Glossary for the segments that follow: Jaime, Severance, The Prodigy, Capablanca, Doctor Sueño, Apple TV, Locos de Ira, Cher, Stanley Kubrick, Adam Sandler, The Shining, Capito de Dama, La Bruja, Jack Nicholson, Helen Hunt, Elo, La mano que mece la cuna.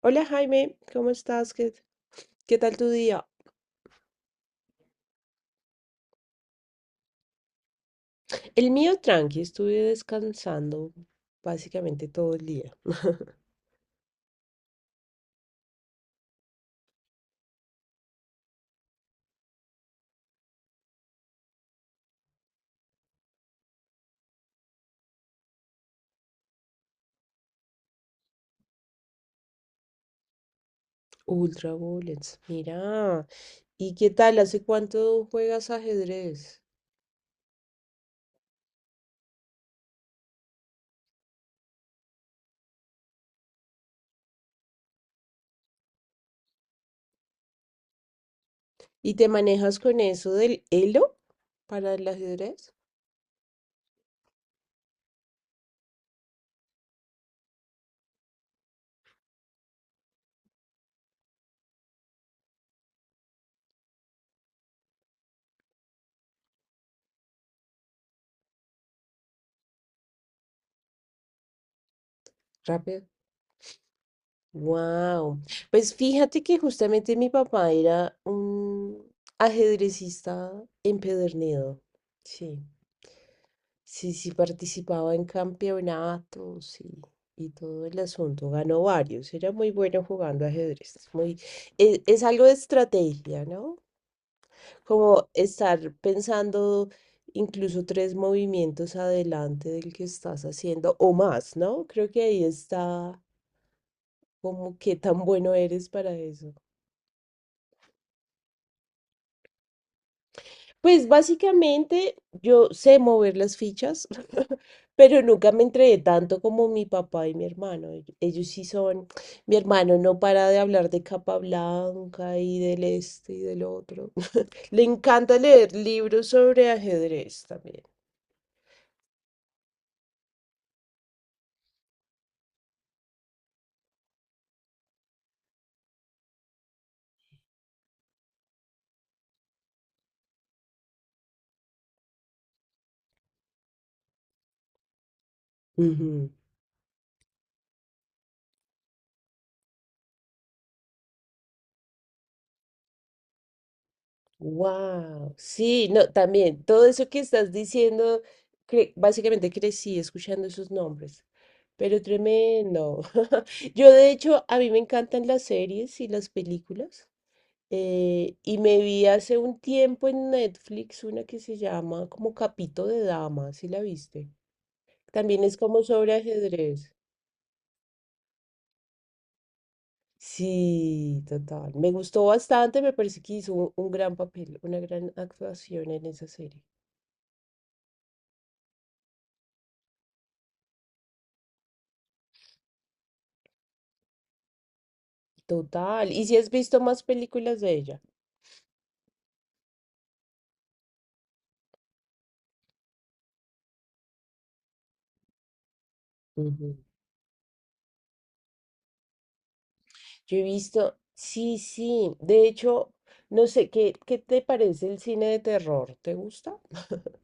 Hola Jaime, ¿cómo estás? ¿Qué tal tu día? El mío tranqui, estuve descansando básicamente todo el día. Ultra Bullets, mira. ¿Y qué tal? ¿Hace cuánto juegas ajedrez? ¿Y te manejas con eso del Elo para el ajedrez? Rápido. Wow. Pues fíjate que justamente mi papá era un ajedrecista empedernido. Sí. Sí, sí, participaba en campeonatos y todo el asunto. Ganó varios. Era muy bueno jugando ajedrez. Es Muy, e- es, Algo de estrategia, ¿no? Como estar pensando incluso tres movimientos adelante del que estás haciendo o más, ¿no? Creo que ahí está como qué tan bueno eres para eso. Pues básicamente yo sé mover las fichas, pero nunca me entregué tanto como mi papá y mi hermano. Ellos sí son, mi hermano no para de hablar de Capablanca y del este y del otro. Le encanta leer libros sobre ajedrez también. Wow, sí, no, también todo eso que estás diciendo, básicamente crecí escuchando esos nombres, pero tremendo. Yo de hecho, a mí me encantan las series y las películas. Y me vi hace un tiempo en Netflix una que se llama como Capito de Dama, ¿si la viste? También es como sobre ajedrez. Sí, total. Me gustó bastante, me parece que hizo un gran papel, una gran actuación en esa serie. Total. ¿Y si has visto más películas de ella? Yo he visto, sí, sí, de hecho, no sé, ¿qué te parece el cine de terror? ¿Te gusta?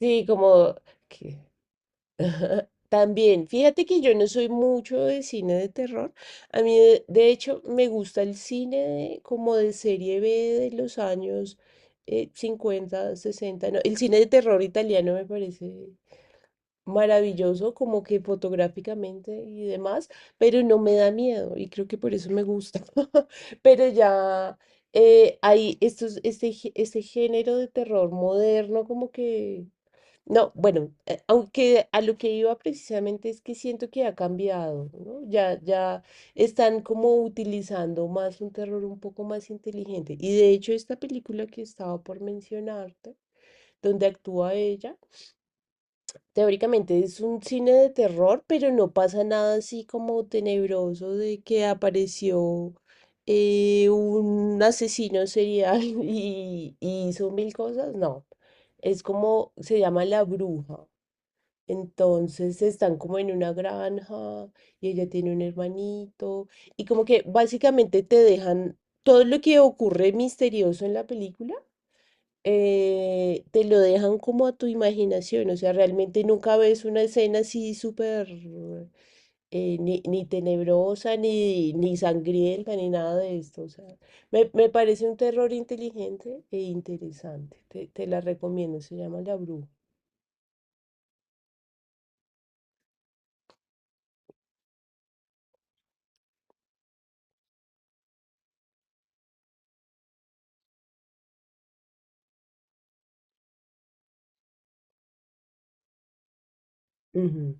Sí, como que- Ajá, también, fíjate que yo no soy mucho de cine de terror. A mí, de hecho, me gusta el cine como de serie B de los años 50, 60. ¿No? El cine de terror italiano me parece maravilloso, como que fotográficamente y demás, pero no me da miedo y creo que por eso me gusta. Pero ya hay estos, este, gé- este género de terror moderno como que no, bueno, aunque a lo que iba precisamente es que siento que ha cambiado, ¿no? Ya están como utilizando más un terror un poco más inteligente. Y de hecho, esta película que estaba por mencionarte, donde actúa ella, teóricamente es un cine de terror, pero no pasa nada así como tenebroso de que apareció un asesino serial y hizo mil cosas. No, es como se llama La Bruja. Entonces están como en una granja y ella tiene un hermanito y como que básicamente te dejan todo lo que ocurre misterioso en la película, te lo dejan como a tu imaginación, o sea, realmente nunca ves una escena así súper ni tenebrosa, ni sangrienta, ni nada de esto, o sea, me parece un terror inteligente e interesante, te la recomiendo, se llama La Bruja. Ujú.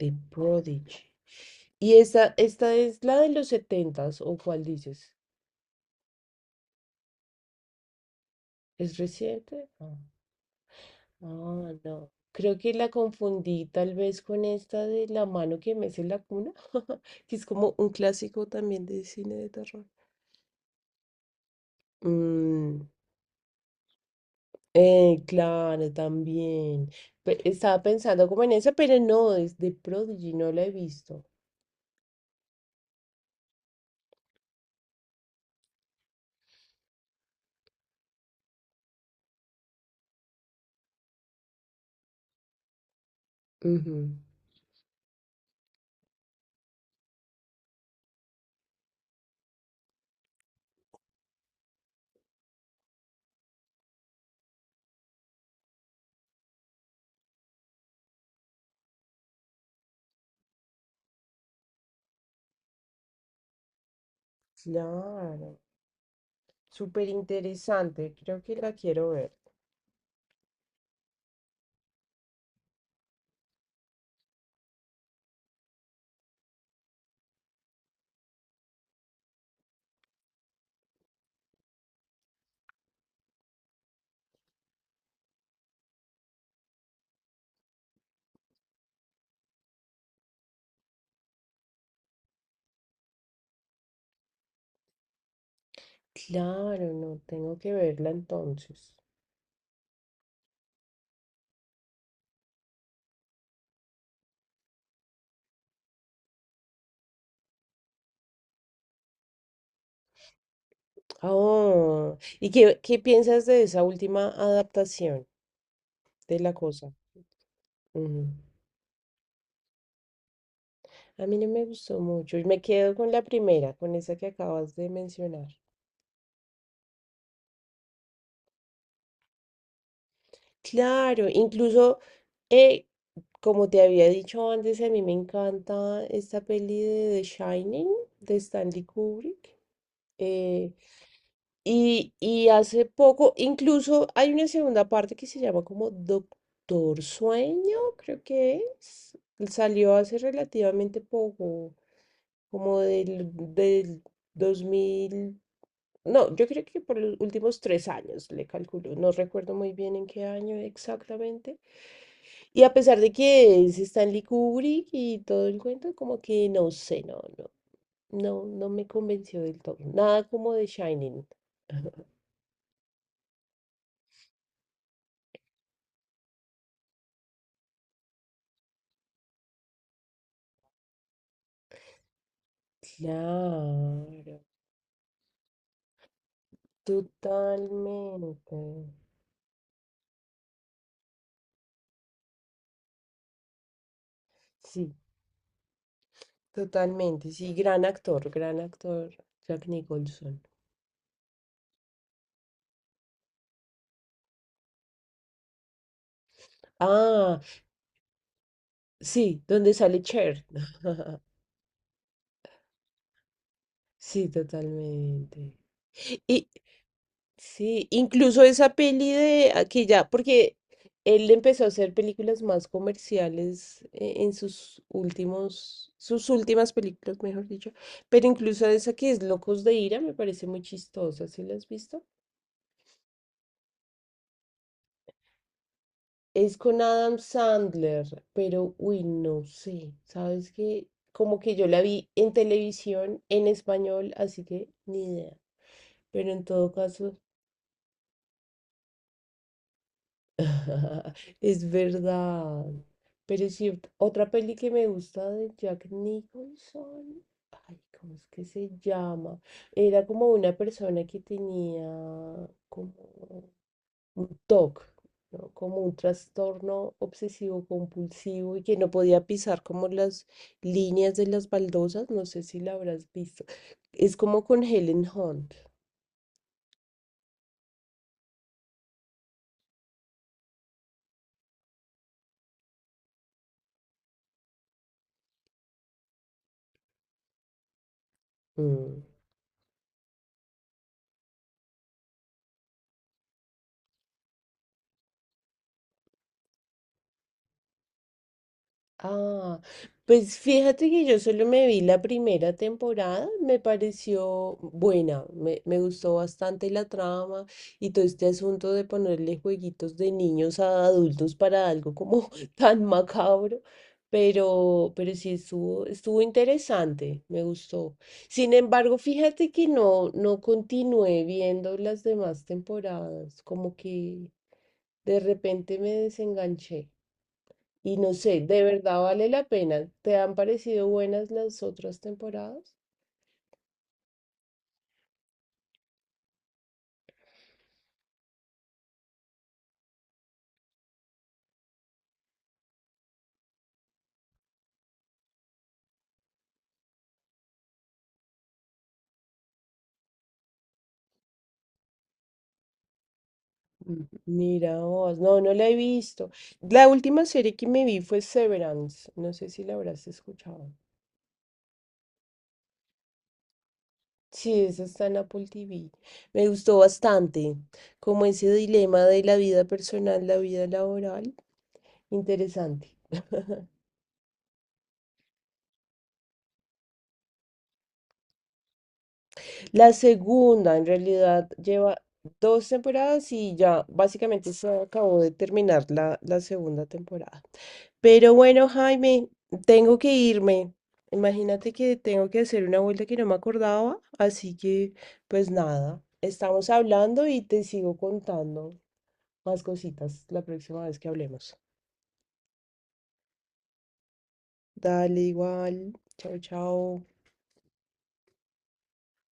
The Prodigy. ¿Y esta es la de los setentas o cuál dices? ¿Es reciente? Ah, ah, no. Creo que la confundí tal vez con esta de La mano que mece la cuna, que es como un clásico también de cine de terror. Mm, claro, también. Estaba pensando como en esa, pero no, es de Prodigy, no la he visto. Ujú. Claro, súper interesante, creo que la quiero ver. Claro, no tengo que verla entonces. Ah, oh, ¿y qué piensas de esa última adaptación de la cosa? Ujú. A mí no me gustó mucho y me quedo con la primera, con esa que acabas de mencionar. Claro, incluso, eh, como te había dicho antes, a mí me encanta esta peli de The Shining de Stanley Kubrick. Eh, y hace poco, incluso hay una segunda parte que se llama como Doctor Sueño, creo que es. Salió hace relativamente poco, como del dos mil. No, yo creo que por los últimos tres años le calculo. No recuerdo muy bien en qué año exactamente. Y a pesar de que es Stanley Kubrick y todo el cuento, como que no sé, no me convenció del todo. Nada como de Shining. Claro. Totalmente. Sí, totalmente. Sí, gran actor, Jack Nicholson. Ah, sí, donde sale Cher. Sí, totalmente. Y, y- sí, incluso esa peli de aquí ya, porque él empezó a hacer películas más comerciales eh, sus últimas películas, mejor dicho. Pero incluso esa que es Locos de Ira me parece muy chistosa. ¿Sí la has visto? Es con Adam Sandler, pero uy, no sé. ¿Sabes qué? Como que yo la vi en televisión en español, así que ni idea. Pero en todo caso, es verdad. Pero sí, otra peli que me gusta de Jack Nicholson. Ay, ¿cómo es que se llama? Era como una persona que tenía como un TOC, ¿no? Como un trastorno obsesivo compulsivo y que no podía pisar como las líneas de las baldosas, no sé si la habrás visto. Es como con Helen Hunt. Mm. Ah, pues fíjate que yo solo me vi la primera temporada, me pareció buena, me gustó bastante la trama y todo este asunto de ponerle jueguitos de niños a adultos para algo como tan macabro, pero sí estuvo interesante, me gustó. Sin embargo, fíjate que no continué viendo las demás temporadas, como que de repente me desenganché. Y no sé, ¿de verdad vale la pena? ¿Te han parecido buenas las otras temporadas? Ujú. Mira vos, no, no la he visto. La última serie que me vi fue Severance, no sé si la habrás escuchado. Sí, esa está en Apple TV. Me gustó bastante, como ese dilema de la vida personal, la vida laboral, interesante. La segunda, en realidad, lleva dos temporadas y ya básicamente se acabó de terminar la segunda temporada. Pero bueno, Jaime, tengo que irme. Imagínate que tengo que hacer una vuelta que no me acordaba, así que pues nada, estamos hablando y te sigo contando más cositas la próxima vez que hablemos. Dale igual. Chao, chao.